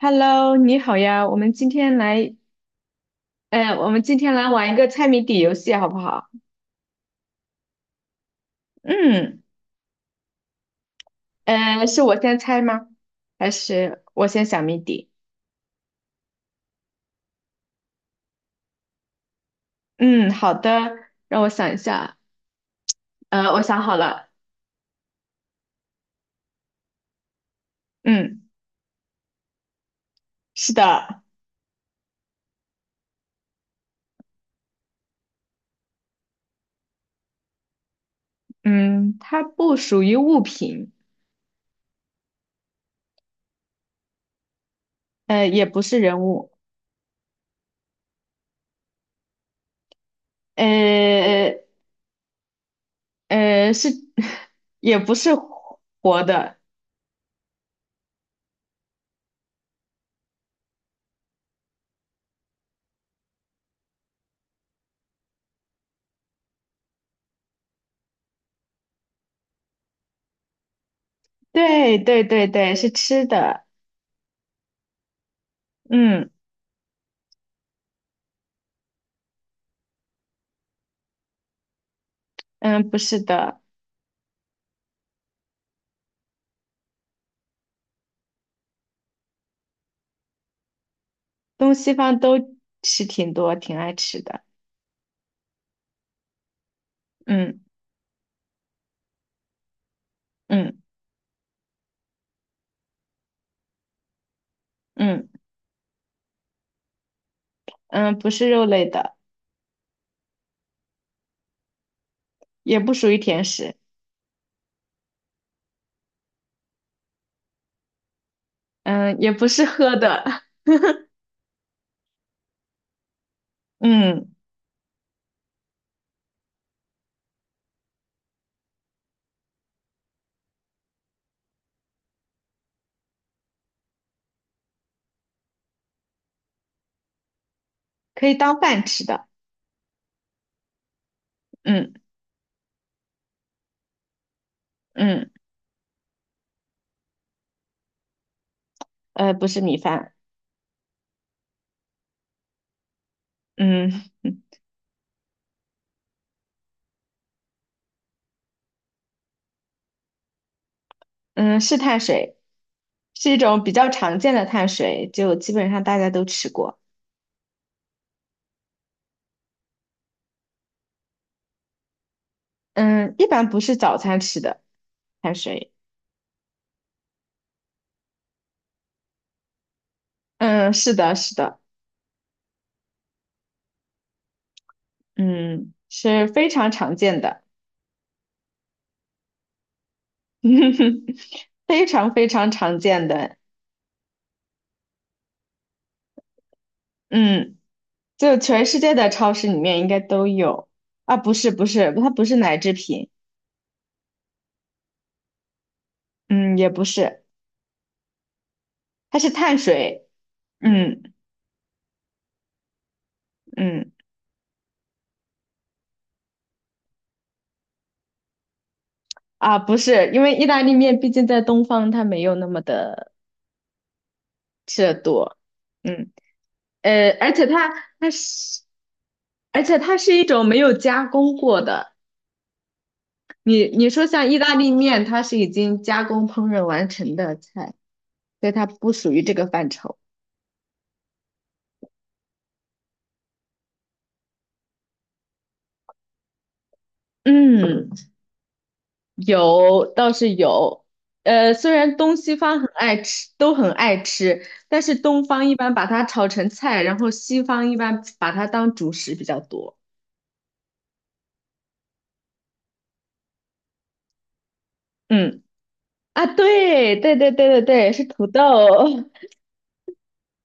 Hello，你好呀，我们今天来，我们今天来玩一个猜谜底游戏，好不好？嗯，是我先猜吗？还是我先想谜底？嗯，好的，让我想一下。我想好了。嗯，是的。嗯，它不属于物品。也不是人物。呃是，也不是活的。对对对对，是吃的。嗯嗯，不是的。东西方都吃挺多，挺爱吃的。嗯嗯嗯嗯，不是肉类的，也不属于甜食。嗯，也不是喝的。嗯，可以当饭吃的。嗯嗯，不是米饭。嗯嗯，是碳水，是一种比较常见的碳水，就基本上大家都吃过。嗯，一般不是早餐吃的碳水。嗯，是的，是的。嗯，是非常常见的，非常非常常见的。嗯。就全世界的超市里面应该都有。啊，不是不是，它不是奶制品。嗯，也不是，它是碳水。嗯嗯啊，不是，因为意大利面毕竟在东方它没有那么的吃的多。嗯而且它它是，而且它是一种没有加工过的。你你说像意大利面，它是已经加工烹饪完成的菜，所以它不属于这个范畴。嗯。有，倒是有。虽然东西方很爱吃，都很爱吃，但是东方一般把它炒成菜，然后西方一般把它当主食比较多。嗯，啊，对，对对对对对，是土豆。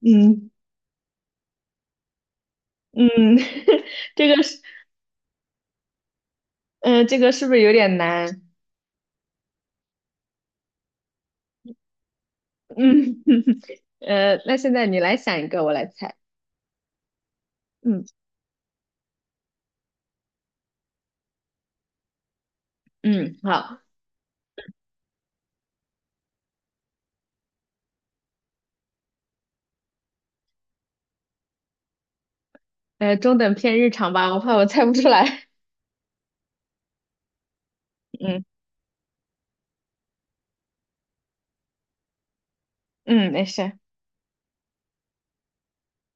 嗯嗯，这个是，嗯、这个是不是有点难？嗯，那现在你来想一个，我来猜。嗯嗯，好。呃，中等偏日常吧，我怕我猜不出来。嗯嗯，没事。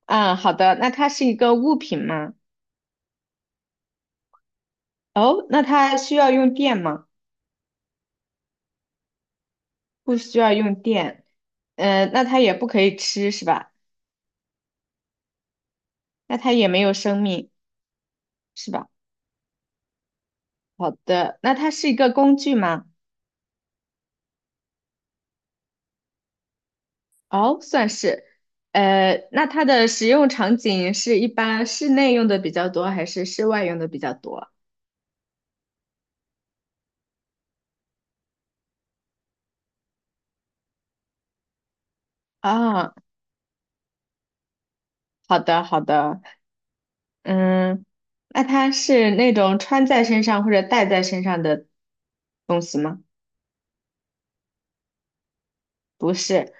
啊，好的，那它是一个物品吗？哦，那它需要用电吗？不需要用电。嗯、那它也不可以吃是吧？那它也没有生命是吧？好的，那它是一个工具吗？哦，算是。那它的使用场景是一般室内用的比较多，还是室外用的比较多？啊，好的，好的。嗯，那它是那种穿在身上或者戴在身上的东西吗？不是。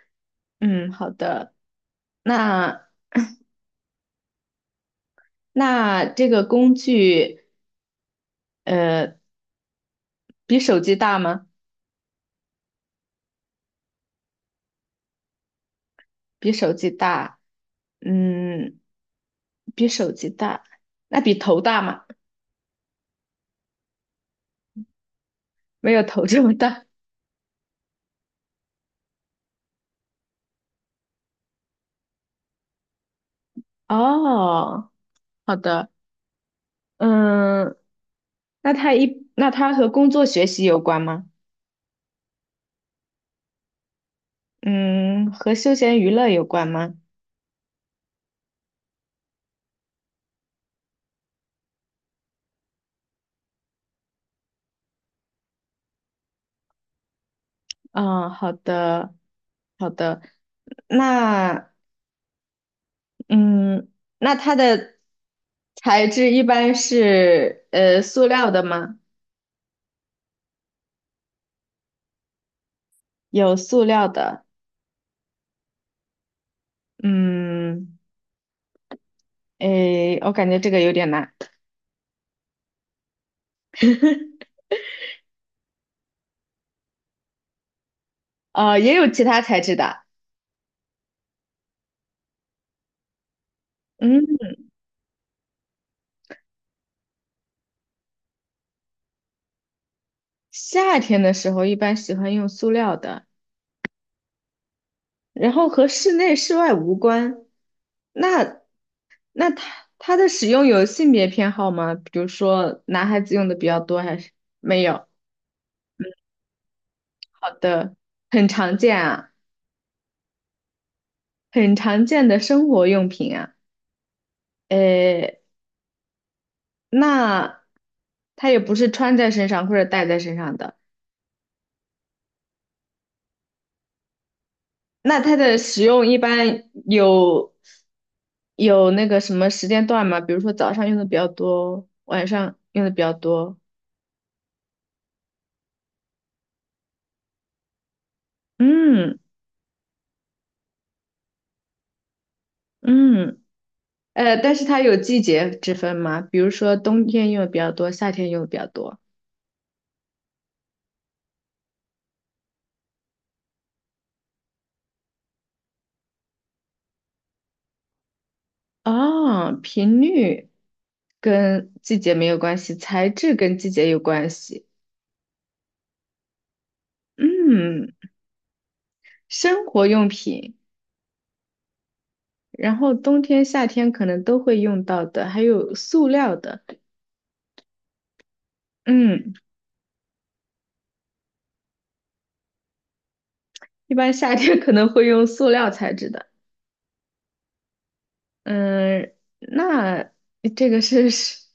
嗯，好的。那那这个工具，呃，比手机大吗？比手机大，嗯，比手机大，那比头大吗？没有头这么大。哦，好的。嗯，那那它和工作学习有关吗？嗯，和休闲娱乐有关吗？嗯，好的，好的。那嗯，那它的材质一般是塑料的吗？有塑料的。嗯，诶，我感觉这个有点难。也有其他材质的。嗯，夏天的时候一般喜欢用塑料的，然后和室内室外无关。那它它的使用有性别偏好吗？比如说男孩子用的比较多还是没有？好的，很常见啊，很常见的生活用品啊。呃，那它也不是穿在身上或者戴在身上的。那它的使用一般有那个什么时间段吗？比如说早上用的比较多，晚上用的比较多。嗯嗯，但是它有季节之分吗？比如说冬天用的比较多，夏天用的比较多。哦，频率跟季节没有关系，材质跟季节有关系。嗯，生活用品。然后冬天、夏天可能都会用到的，还有塑料的。嗯，一般夏天可能会用塑料材质的。嗯，那这个是，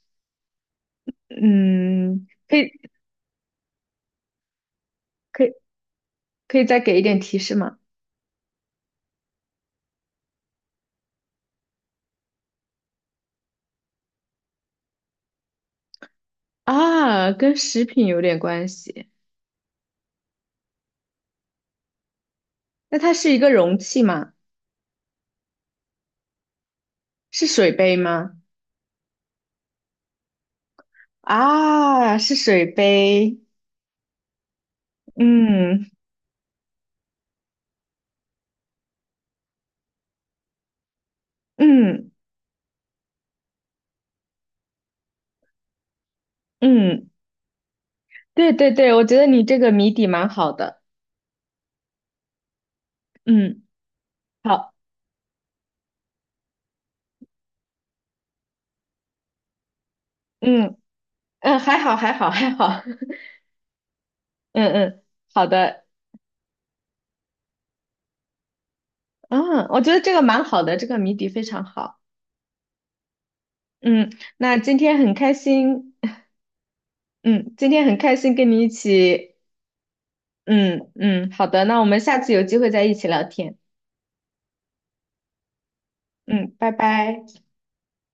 嗯，可以可以可以再给一点提示吗？啊，跟食品有点关系。那它是一个容器吗？是水杯吗？啊，是水杯。嗯嗯嗯，对对对，我觉得你这个谜底蛮好的。嗯，好，嗯。嗯，还好，还好，还好。嗯嗯，好的。嗯，我觉得这个蛮好的，这个谜底非常好。嗯，那今天很开心。嗯，今天很开心跟你一起。嗯嗯，好的，那我们下次有机会再一起聊天。嗯，拜拜。